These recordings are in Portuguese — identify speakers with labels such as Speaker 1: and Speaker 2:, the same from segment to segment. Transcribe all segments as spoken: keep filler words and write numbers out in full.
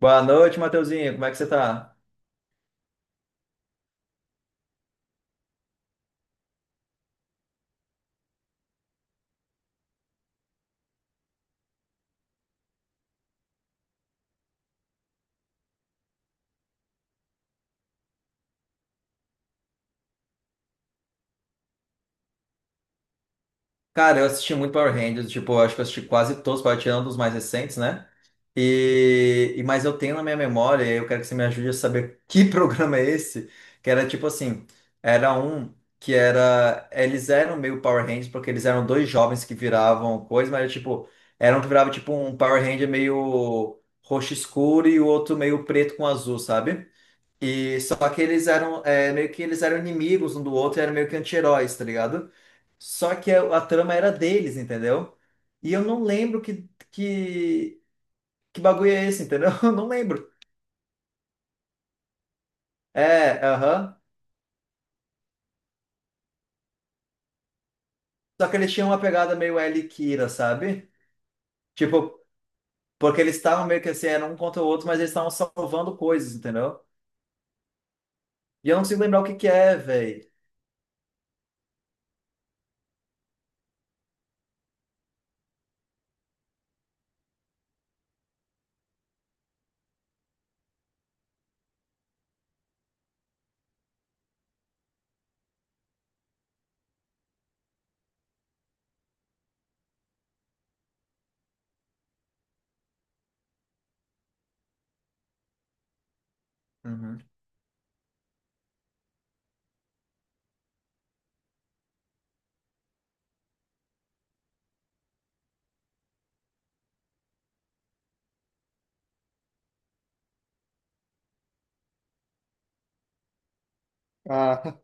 Speaker 1: Boa noite, Mateuzinho. Como é que você tá? Cara, eu assisti muito Power Rangers, tipo, eu acho que eu assisti quase todos, para tirar um dos mais recentes, né? E, e- mas eu tenho na minha memória, e eu quero que você me ajude a saber que programa é esse, que era tipo assim, era um que era, eles eram meio Power Rangers porque eles eram dois jovens que viravam coisa, mas era, tipo, era um que virava tipo um Power Ranger meio roxo escuro e o outro meio preto com azul, sabe? E só que eles eram é, meio que eles eram inimigos um do outro, e eram meio que anti-heróis, tá ligado? Só que a, a trama era deles, entendeu? E eu não lembro que, que, que bagulho é esse, entendeu? Eu não lembro. É, aham. Só que eles tinham uma pegada meio L e Kira, sabe? Tipo, porque eles estavam meio que assim, eram um contra o outro, mas eles estavam salvando coisas, entendeu? E eu não consigo lembrar o que que é, velho. Uhum. Ah,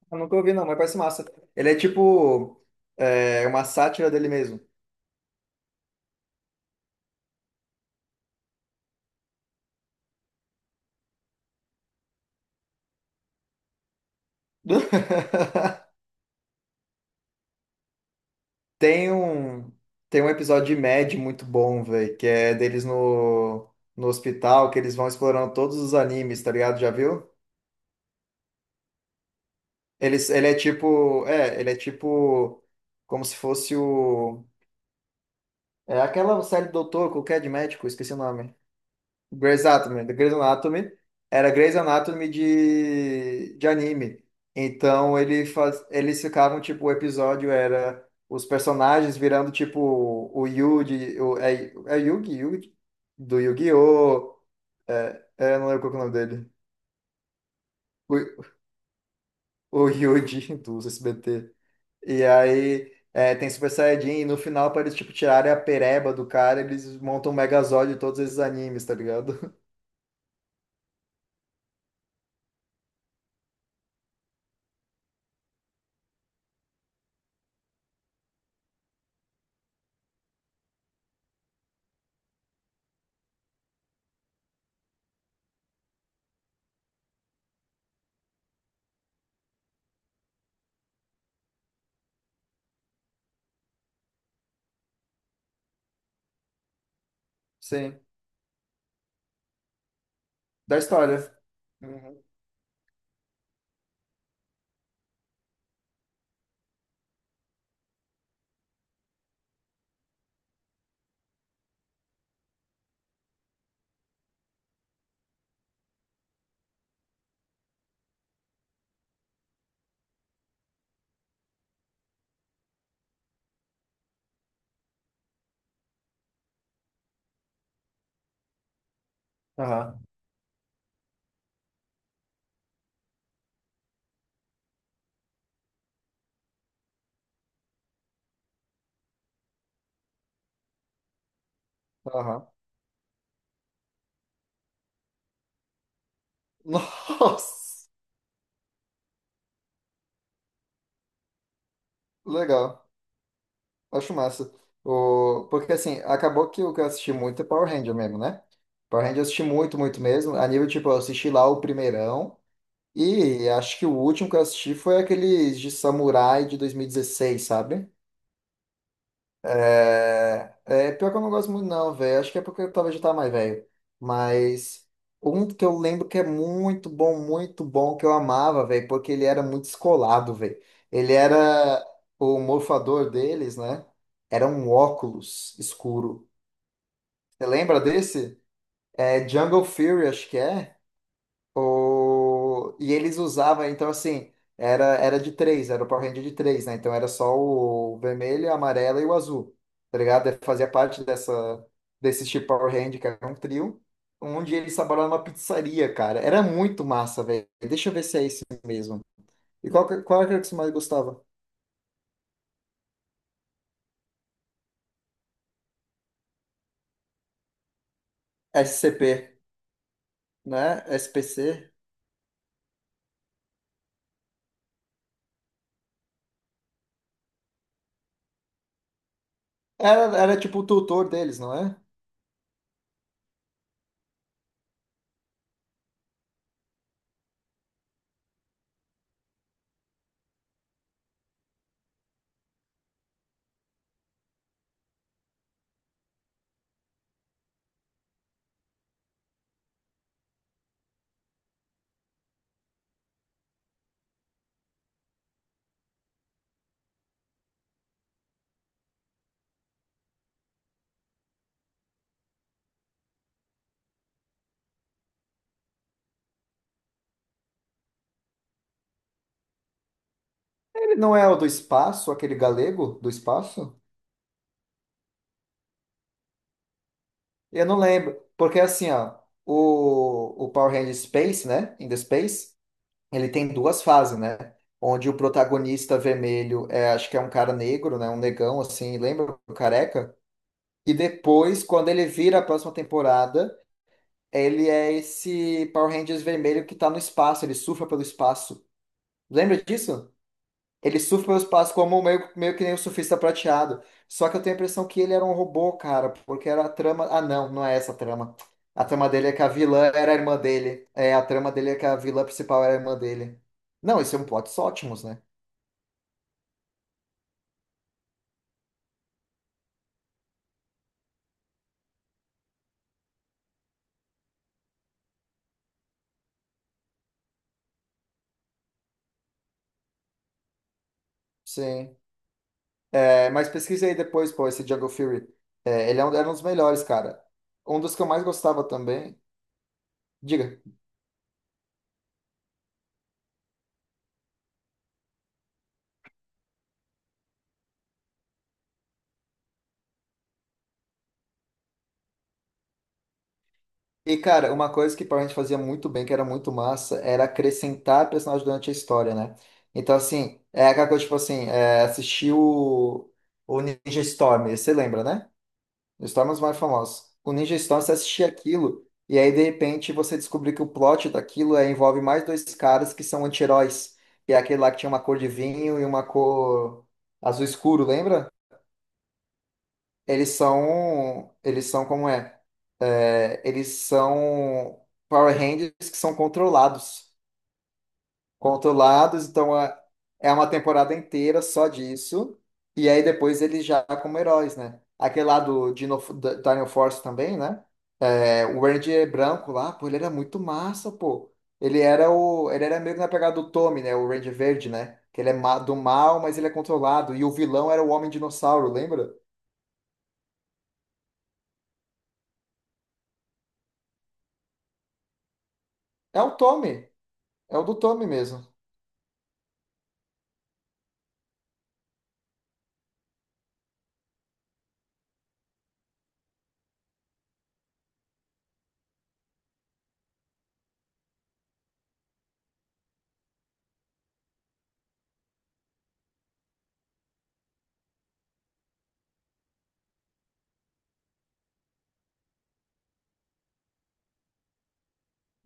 Speaker 1: eu nunca ouvi não, mas parece massa. Ele é tipo é, uma sátira dele mesmo. Tem um, tem um episódio de Mad muito bom, velho, que é deles no, no hospital, que eles vão explorando todos os animes, tá ligado? Já viu? Eles, ele é tipo, é, ele é tipo, como se fosse o, é aquela série do doutor, qualquer de médico, esqueci o nome. Grey's Anatomy, The Grey's Anatomy era Grey's Anatomy de, de anime. Então ele faz, eles ficavam tipo o episódio era os personagens virando tipo o Yugi, o, é, é Yugi, Yugi do Yu-Gi-Oh! É, é, eu não lembro qual que é o nome dele. O, o Yugi do S B T. E aí é, tem Super Saiyajin e no final para eles tipo tirarem a pereba do cara, eles montam o Megazord de todos esses animes, tá ligado? Sim, da história. Uhum. Aham, aham. Nossa, legal. Acho massa. O... Porque assim, acabou que o que eu assisti muito é Power Ranger mesmo, né? Power Ranger eu assisti muito, muito mesmo. A nível, tipo, eu assisti lá o primeirão. E acho que o último que eu assisti foi aqueles de Samurai de dois mil e dezesseis, sabe? É, é, pior que eu não gosto muito, não, velho. Acho que é porque eu talvez já tá mais velho. Mas um que eu lembro que é muito bom, muito bom, que eu amava, velho, porque ele era muito descolado, velho. Ele era o morfador deles, né? Era um óculos escuro. Você lembra desse? É Jungle Fury, acho que é. O... E eles usavam, então assim, era, era de três, era o Power Ranger de três, né? Então era só o vermelho, a amarela e o azul, tá ligado? Fazia parte dessa, desse tipo Power Ranger, que era um trio, onde eles trabalhavam numa pizzaria, cara. Era muito massa, velho. Deixa eu ver se é esse mesmo. E qual, que- qual era que você mais gostava? S C P, né? S P C. Era, era tipo o tutor deles, não é? Ele não é o do espaço, aquele galego do espaço? Eu não lembro, porque assim, ó, o, o Power Rangers Space, né, in the Space, ele tem duas fases, né, onde o protagonista vermelho é, acho que é um cara negro, né, um negão, assim, lembra o careca? E depois, quando ele vira a próxima temporada, ele é esse Power Rangers vermelho que tá no espaço, ele surfa pelo espaço. Lembra disso? Ele surfa meus passos como meio, meio que nem o surfista prateado. Só que eu tenho a impressão que ele era um robô, cara, porque era a trama. Ah, não, não é essa a trama. A trama dele é que a vilã era a irmã dele. É, a trama dele é que a vilã principal era a irmã dele. Não, esse é um plot ótimos, né? Sim. É, mas pesquise aí depois, pô, esse Jungle Fury. É, ele é um, era um dos melhores, cara. Um dos que eu mais gostava também. Diga. E, cara, uma coisa que Power Rangers fazia muito bem, que era muito massa, era acrescentar personagens durante a história, né? Então, assim, é aquela coisa, tipo assim, é, assistir o, o Ninja Storm, você lembra, né? O Storm é um dos mais famosos. O Ninja Storm, você assistia aquilo, e aí, de repente, você descobriu que o plot daquilo é, envolve mais dois caras que são anti-heróis, que é aquele lá que tinha uma cor de vinho e uma cor azul escuro, lembra? Eles são. Eles são como é? É, eles são Power Rangers que são controlados. Controlados, então é é uma temporada inteira só disso. E aí depois eles já como heróis, né? Aquele lá do Dino, da- Dino Force também, né? É, o Ranger branco lá, pô, ele era muito massa, pô. Ele era o. Ele era meio que na pegada do Tommy, né? O Ranger verde, né? Que ele é ma- do mal, mas ele é controlado. E o vilão era o Homem Dinossauro, lembra? É o Tommy. É o do Tommy mesmo.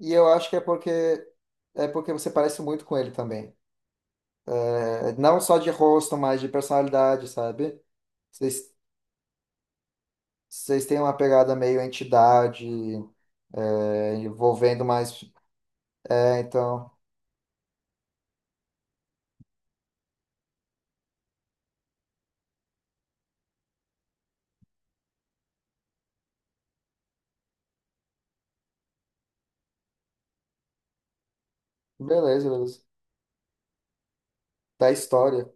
Speaker 1: E eu acho que é porque é porque você parece muito com ele também. É, não só de rosto, mas de personalidade, sabe? Vocês, vocês têm uma pegada meio entidade, é, envolvendo mais. É, então, beleza, beleza. Da história.